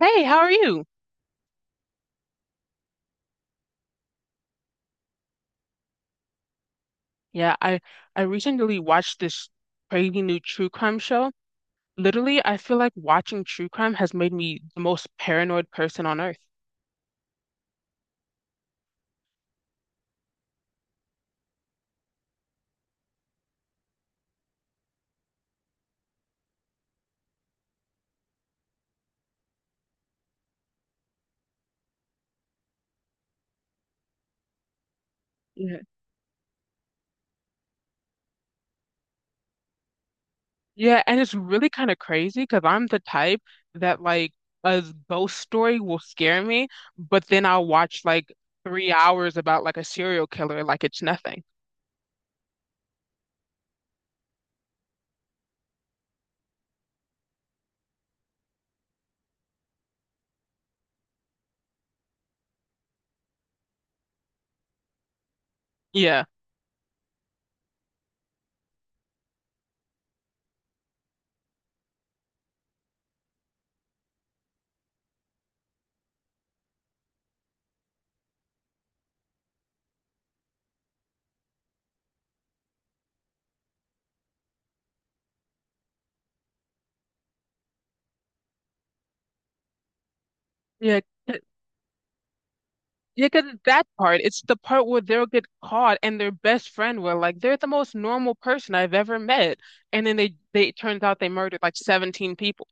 Hey, how are you? Yeah, I recently watched this crazy new true crime show. Literally, I feel like watching true crime has made me the most paranoid person on earth. Yeah. Yeah, and it's really kind of crazy because I'm the type that like a ghost story will scare me, but then I'll watch like 3 hours about like a serial killer like it's nothing. Yeah. Yeah. Yeah, because that part, it's the part where they'll get caught and their best friend will like they're the most normal person I've ever met. And then they it turns out they murdered like 17 people.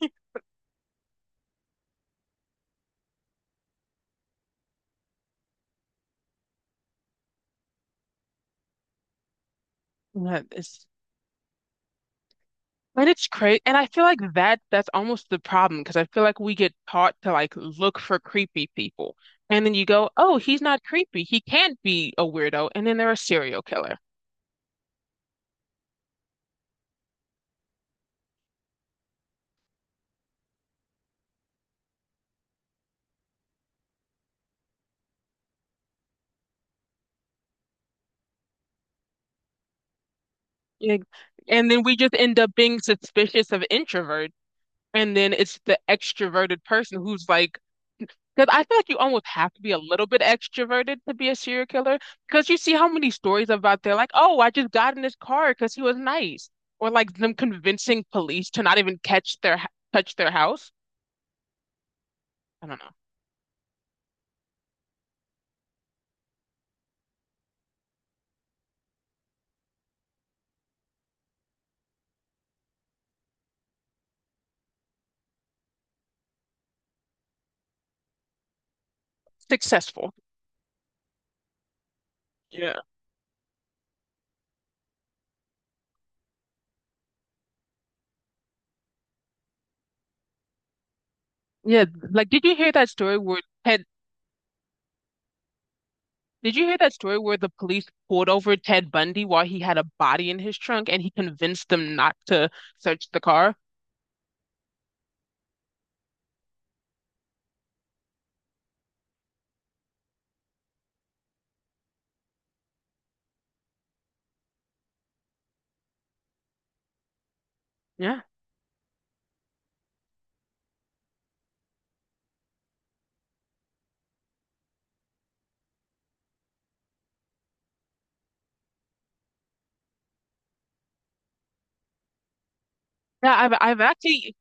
That is. And it's crazy. And I feel like that's almost the problem because I feel like we get taught to like look for creepy people. And then you go, "Oh, he's not creepy. He can't be a weirdo." And then they're a serial killer. Like, and then we just end up being suspicious of introverts. And then it's the extroverted person who's like, because I feel like you almost have to be a little bit extroverted to be a serial killer. Because you see how many stories about they're like, oh, I just got in his car because he was nice, or like them convincing police to not even catch their touch their house. I don't know. Successful. Yeah. Yeah. Like, did you hear that story where Ted? Did you hear that story where the police pulled over Ted Bundy while he had a body in his trunk and he convinced them not to search the car? Yeah. Yeah, I've actually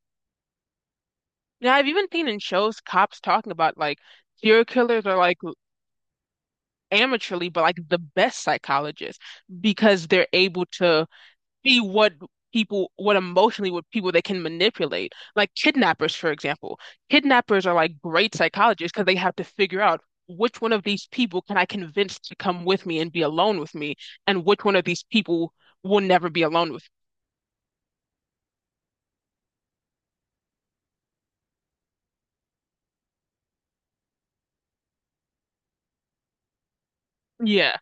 yeah, I've even seen in shows cops talking about like serial killers are like amateurly, but like the best psychologists because they're able to see what people, what emotionally, what people they can manipulate. Like kidnappers, for example. Kidnappers are like great psychologists because they have to figure out which one of these people can I convince to come with me and be alone with me, and which one of these people will never be alone with me. Yeah.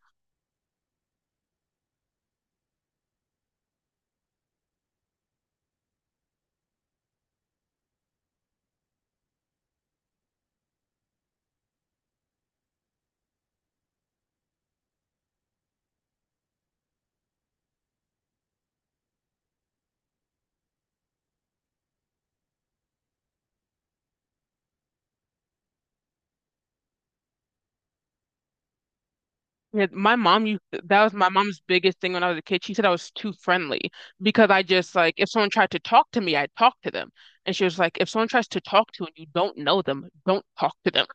Yeah, my mom used to- that was my mom's biggest thing when I was a kid. She said I was too friendly because I just like if someone tried to talk to me, I'd talk to them. And she was like, if someone tries to talk to you and you don't know them, don't talk to them.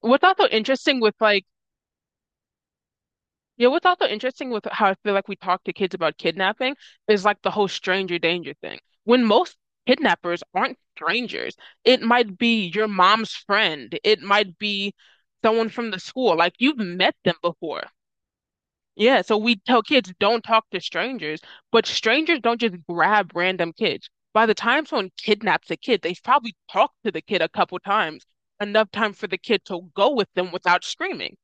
What's also interesting with like yeah, what's also interesting with how I feel like we talk to kids about kidnapping is like the whole stranger danger thing. When most kidnappers aren't strangers, it might be your mom's friend, it might be someone from the school. Like you've met them before. Yeah, so we tell kids don't talk to strangers, but strangers don't just grab random kids. By the time someone kidnaps a kid, they've probably talked to the kid a couple times, enough time for the kid to go with them without screaming.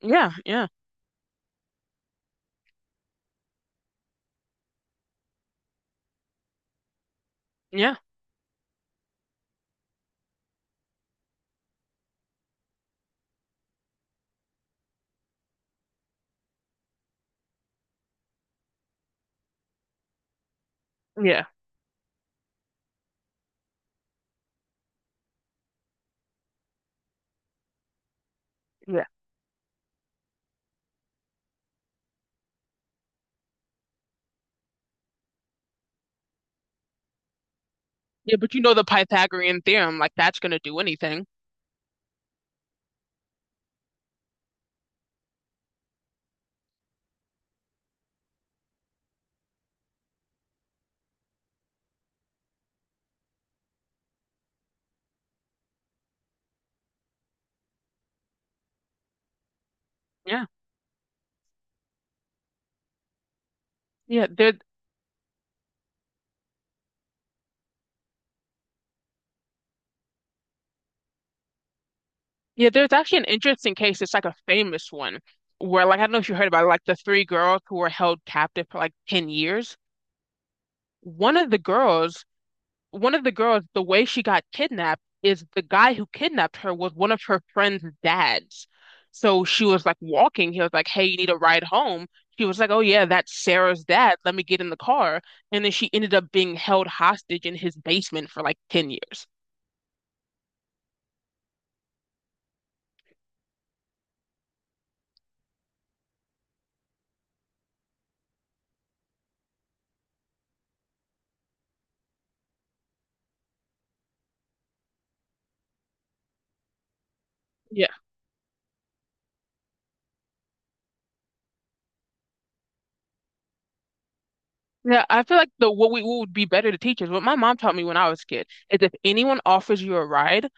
Yeah, yeah, yeah, yeah, yeah. Yeah, but you know the Pythagorean theorem, like that's gonna do anything. Yeah, yeah. There, yeah, there's actually an interesting case, it's like a famous one where like I don't know if you heard about it, like the three girls who were held captive for like 10 years. One of the girls one of the girls, the way she got kidnapped is the guy who kidnapped her was one of her friend's dads. So she was like walking. He was like, hey, you need a ride home? She was like, oh, yeah, that's Sarah's dad. Let me get in the car. And then she ended up being held hostage in his basement for like 10 years. Yeah. Yeah, I feel like the what we what would be better to teachers. What my mom taught me when I was a kid is if anyone offers you a ride,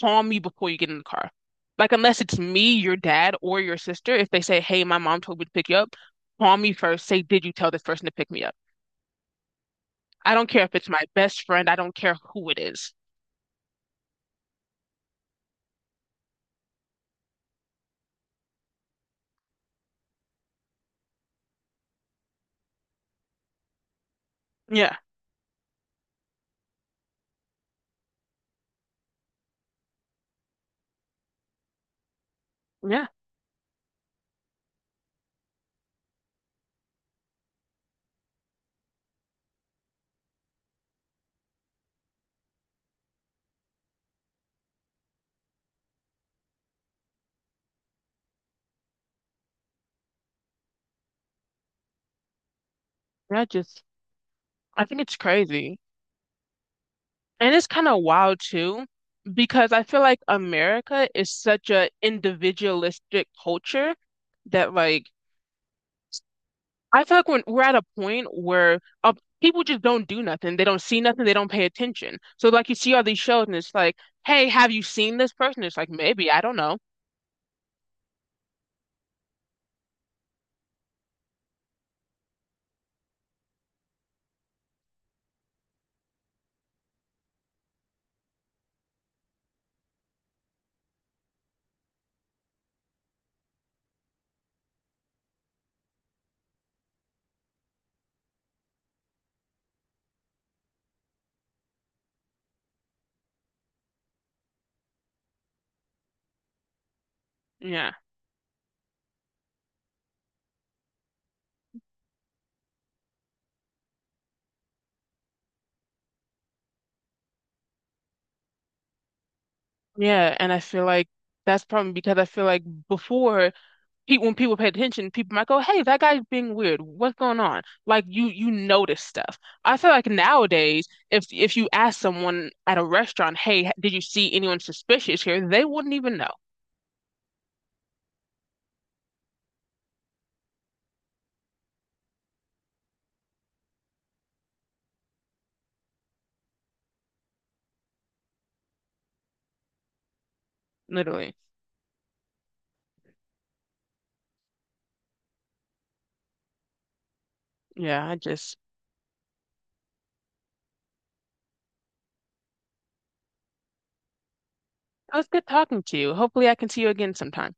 calm you before you get in the car. Like, unless it's me, your dad, or your sister, if they say, hey, my mom told me to pick you up, call me first. Say, did you tell this person to pick me up? I don't care if it's my best friend. I don't care who it is. Yeah. Yeah. Yeah. Just, I think it's crazy. And it's kind of wild too, because I feel like America is such a individualistic culture that, like, I feel like when we're at a point where people just don't do nothing. They don't see nothing. They don't pay attention. So like you see all these shows and it's like, hey, have you seen this person? It's like, maybe, I don't know. Yeah. Yeah. And I feel like that's probably because I feel like before pe when people paid attention, people might go, hey, that guy's being weird. What's going on? Like you notice stuff. I feel like nowadays, if you ask someone at a restaurant, hey, did you see anyone suspicious here? They wouldn't even know. Literally. Yeah, I just it was good talking to you. Hopefully, I can see you again sometime.